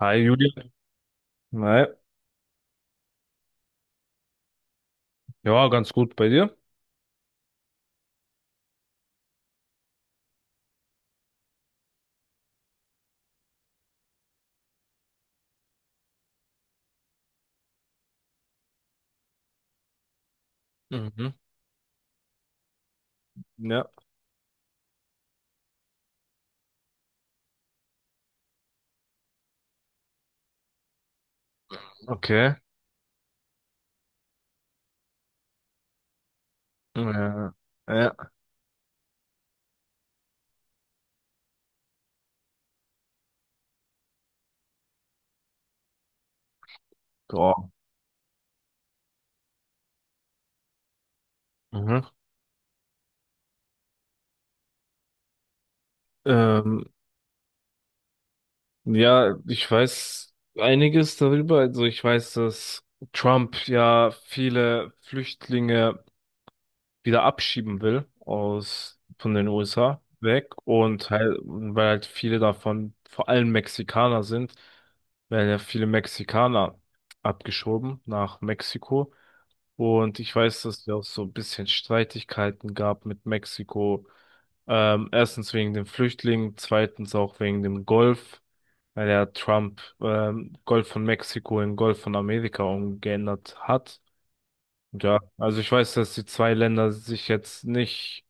Hi Julian. Nein. Ja, ganz gut bei dir. Mhm. Ja. Okay. Ja, ja. Ja. Mhm. Ähm, ja, Ich weiß einiges darüber. Also ich weiß, dass Trump ja viele Flüchtlinge wieder abschieben will aus von den USA weg, und halt, weil halt viele davon vor allem Mexikaner sind, werden ja viele Mexikaner abgeschoben nach Mexiko. Und ich weiß, dass es ja auch so ein bisschen Streitigkeiten gab mit Mexiko. Erstens wegen den Flüchtlingen, zweitens auch wegen dem Golf, weil ja Trump Golf von Mexiko in Golf von Amerika umgeändert hat. Und ja, also ich weiß, dass die zwei Länder sich jetzt nicht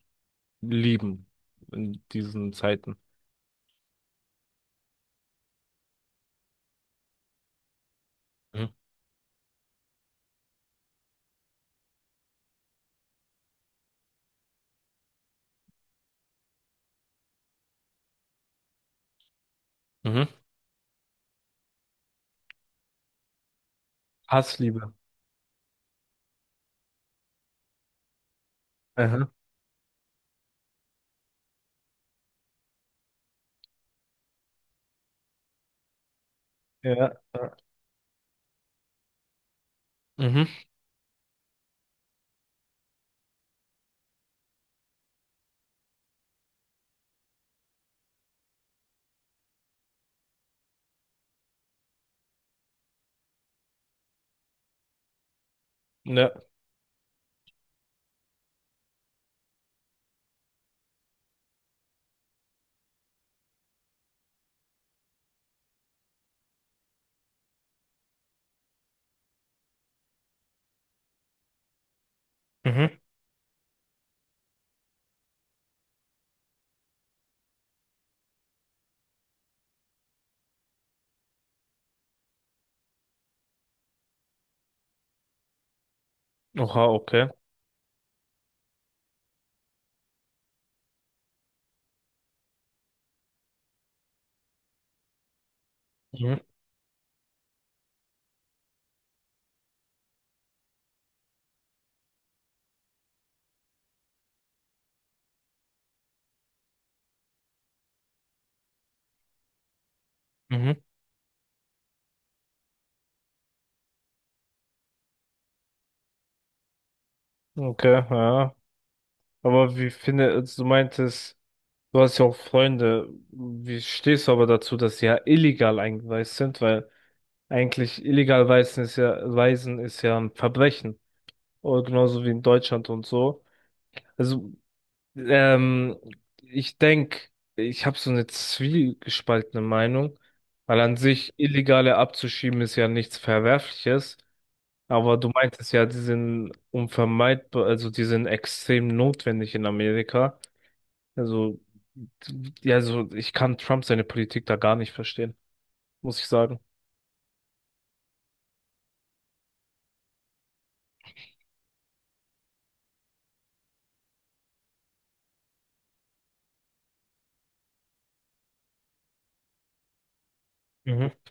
lieben in diesen Zeiten. Mhm. Mhm. Hassliebe. Aha. Ja, ja. Mhm. Ja. Mhm. Oha, okay. Mhm. Mhm. Okay, ja. Aber wie finde, also du meintest, du hast ja auch Freunde. Wie stehst du aber dazu, dass sie ja illegal eingereist sind? Weil eigentlich illegal reisen ist ja ein Verbrechen. Oder genauso wie in Deutschland und so. Also, ähm, ich denke, ich habe so eine zwiegespaltene Meinung, weil an sich Illegale abzuschieben ist ja nichts Verwerfliches. Aber du meintest ja, die sind unvermeidbar, also die sind extrem notwendig in Amerika. Also, ja, also ich kann Trump seine Politik da gar nicht verstehen, muss ich sagen. Mhm.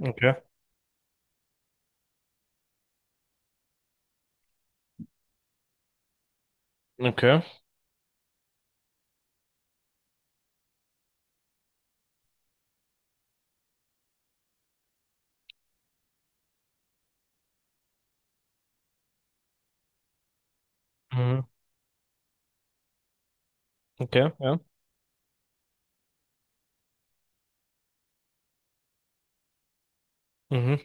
Okay. Okay. Mhm. Okay, ja. Mhm.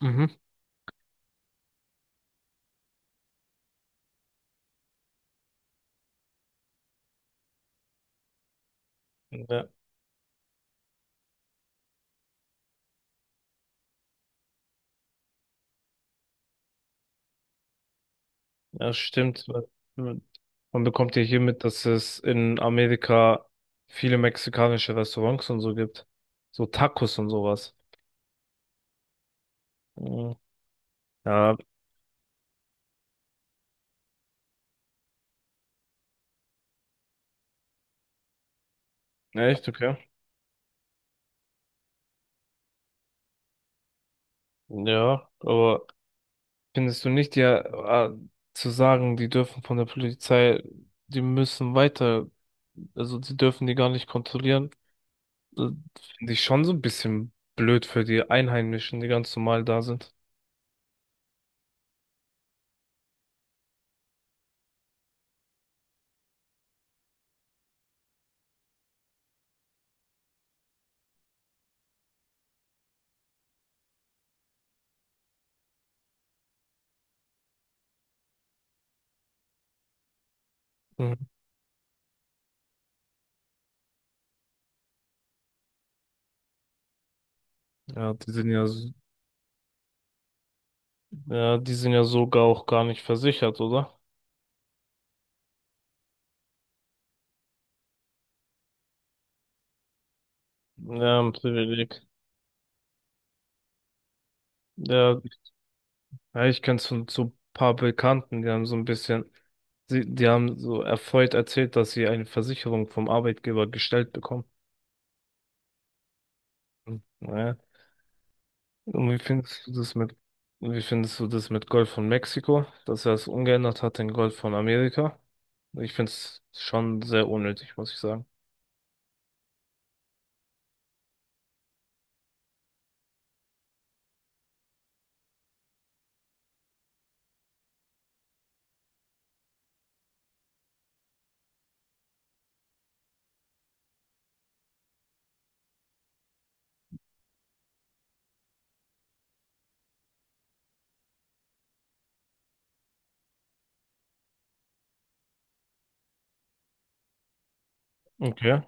Mhm. Ja, ja, stimmt. Man bekommt ja hier mit, dass es in Amerika viele mexikanische Restaurants und so gibt. So Tacos und sowas. Mhm. Ja, echt, okay. Ja, aber findest du nicht, ja, äh, zu sagen, die dürfen von der Polizei, die müssen weiter, also die dürfen die gar nicht kontrollieren, äh, finde ich schon so ein bisschen blöd für die Einheimischen, die ganz normal da sind. Mhm. Ja, die sind ja, s- ja, die sind ja sogar auch gar nicht versichert, oder? Ja, ein Privileg. Ja, ja, ich kenne so, so ein paar Bekannten, die haben so ein bisschen, die haben so erfreut erzählt, dass sie eine Versicherung vom Arbeitgeber gestellt bekommen. Mhm. Ja. Und wie findest du das mit, Wie findest du das mit Golf von Mexiko, dass er es umgeändert hat in Golf von Amerika? Ich finde es schon sehr unnötig, muss ich sagen. Okay.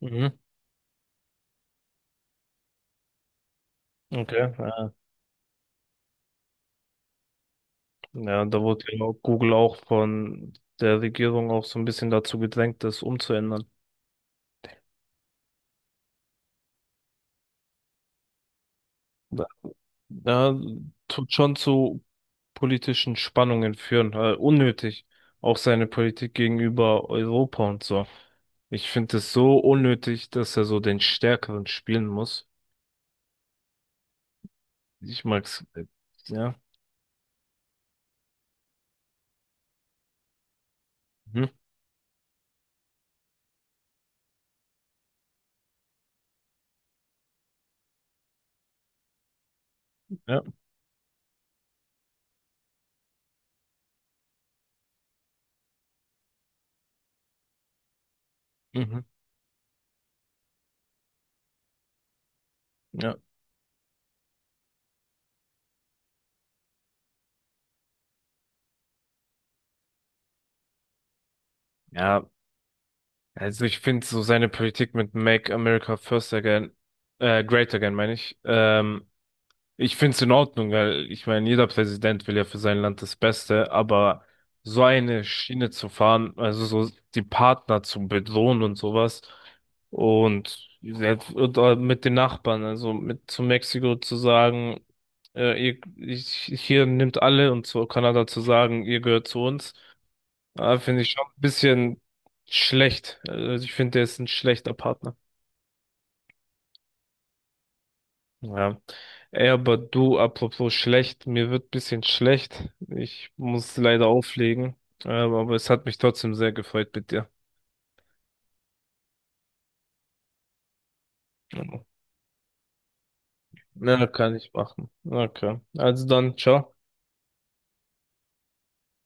Mhm. Okay. Ja, ja, da wurde ja auch Google auch von der Regierung auch so ein bisschen dazu gedrängt, das umzuändern. Ja, tut schon zu politischen Spannungen führen, unnötig. Auch seine Politik gegenüber Europa und so. Ich finde es so unnötig, dass er so den Stärkeren spielen muss. Ich mag's. Ja. Mhm. Ja. Mhm. Ja. Ja. Also ich finde so seine Politik mit Make America First Again, Great Again, meine ich. Ich finde es in Ordnung, weil ich meine, jeder Präsident will ja für sein Land das Beste, aber so eine Schiene zu fahren, also so die Partner zu bedrohen und sowas, und oder mit den Nachbarn, also mit zu Mexiko zu sagen, ihr, ich, hier nimmt alle, und zu Kanada zu sagen, ihr gehört zu uns, finde ich schon ein bisschen schlecht. Also ich finde, der ist ein schlechter Partner. Ja. Ey, aber du, apropos schlecht, mir wird ein bisschen schlecht. Ich muss leider auflegen. Aber es hat mich trotzdem sehr gefreut mit dir. Na, kann ich machen. Okay. Also dann, ciao.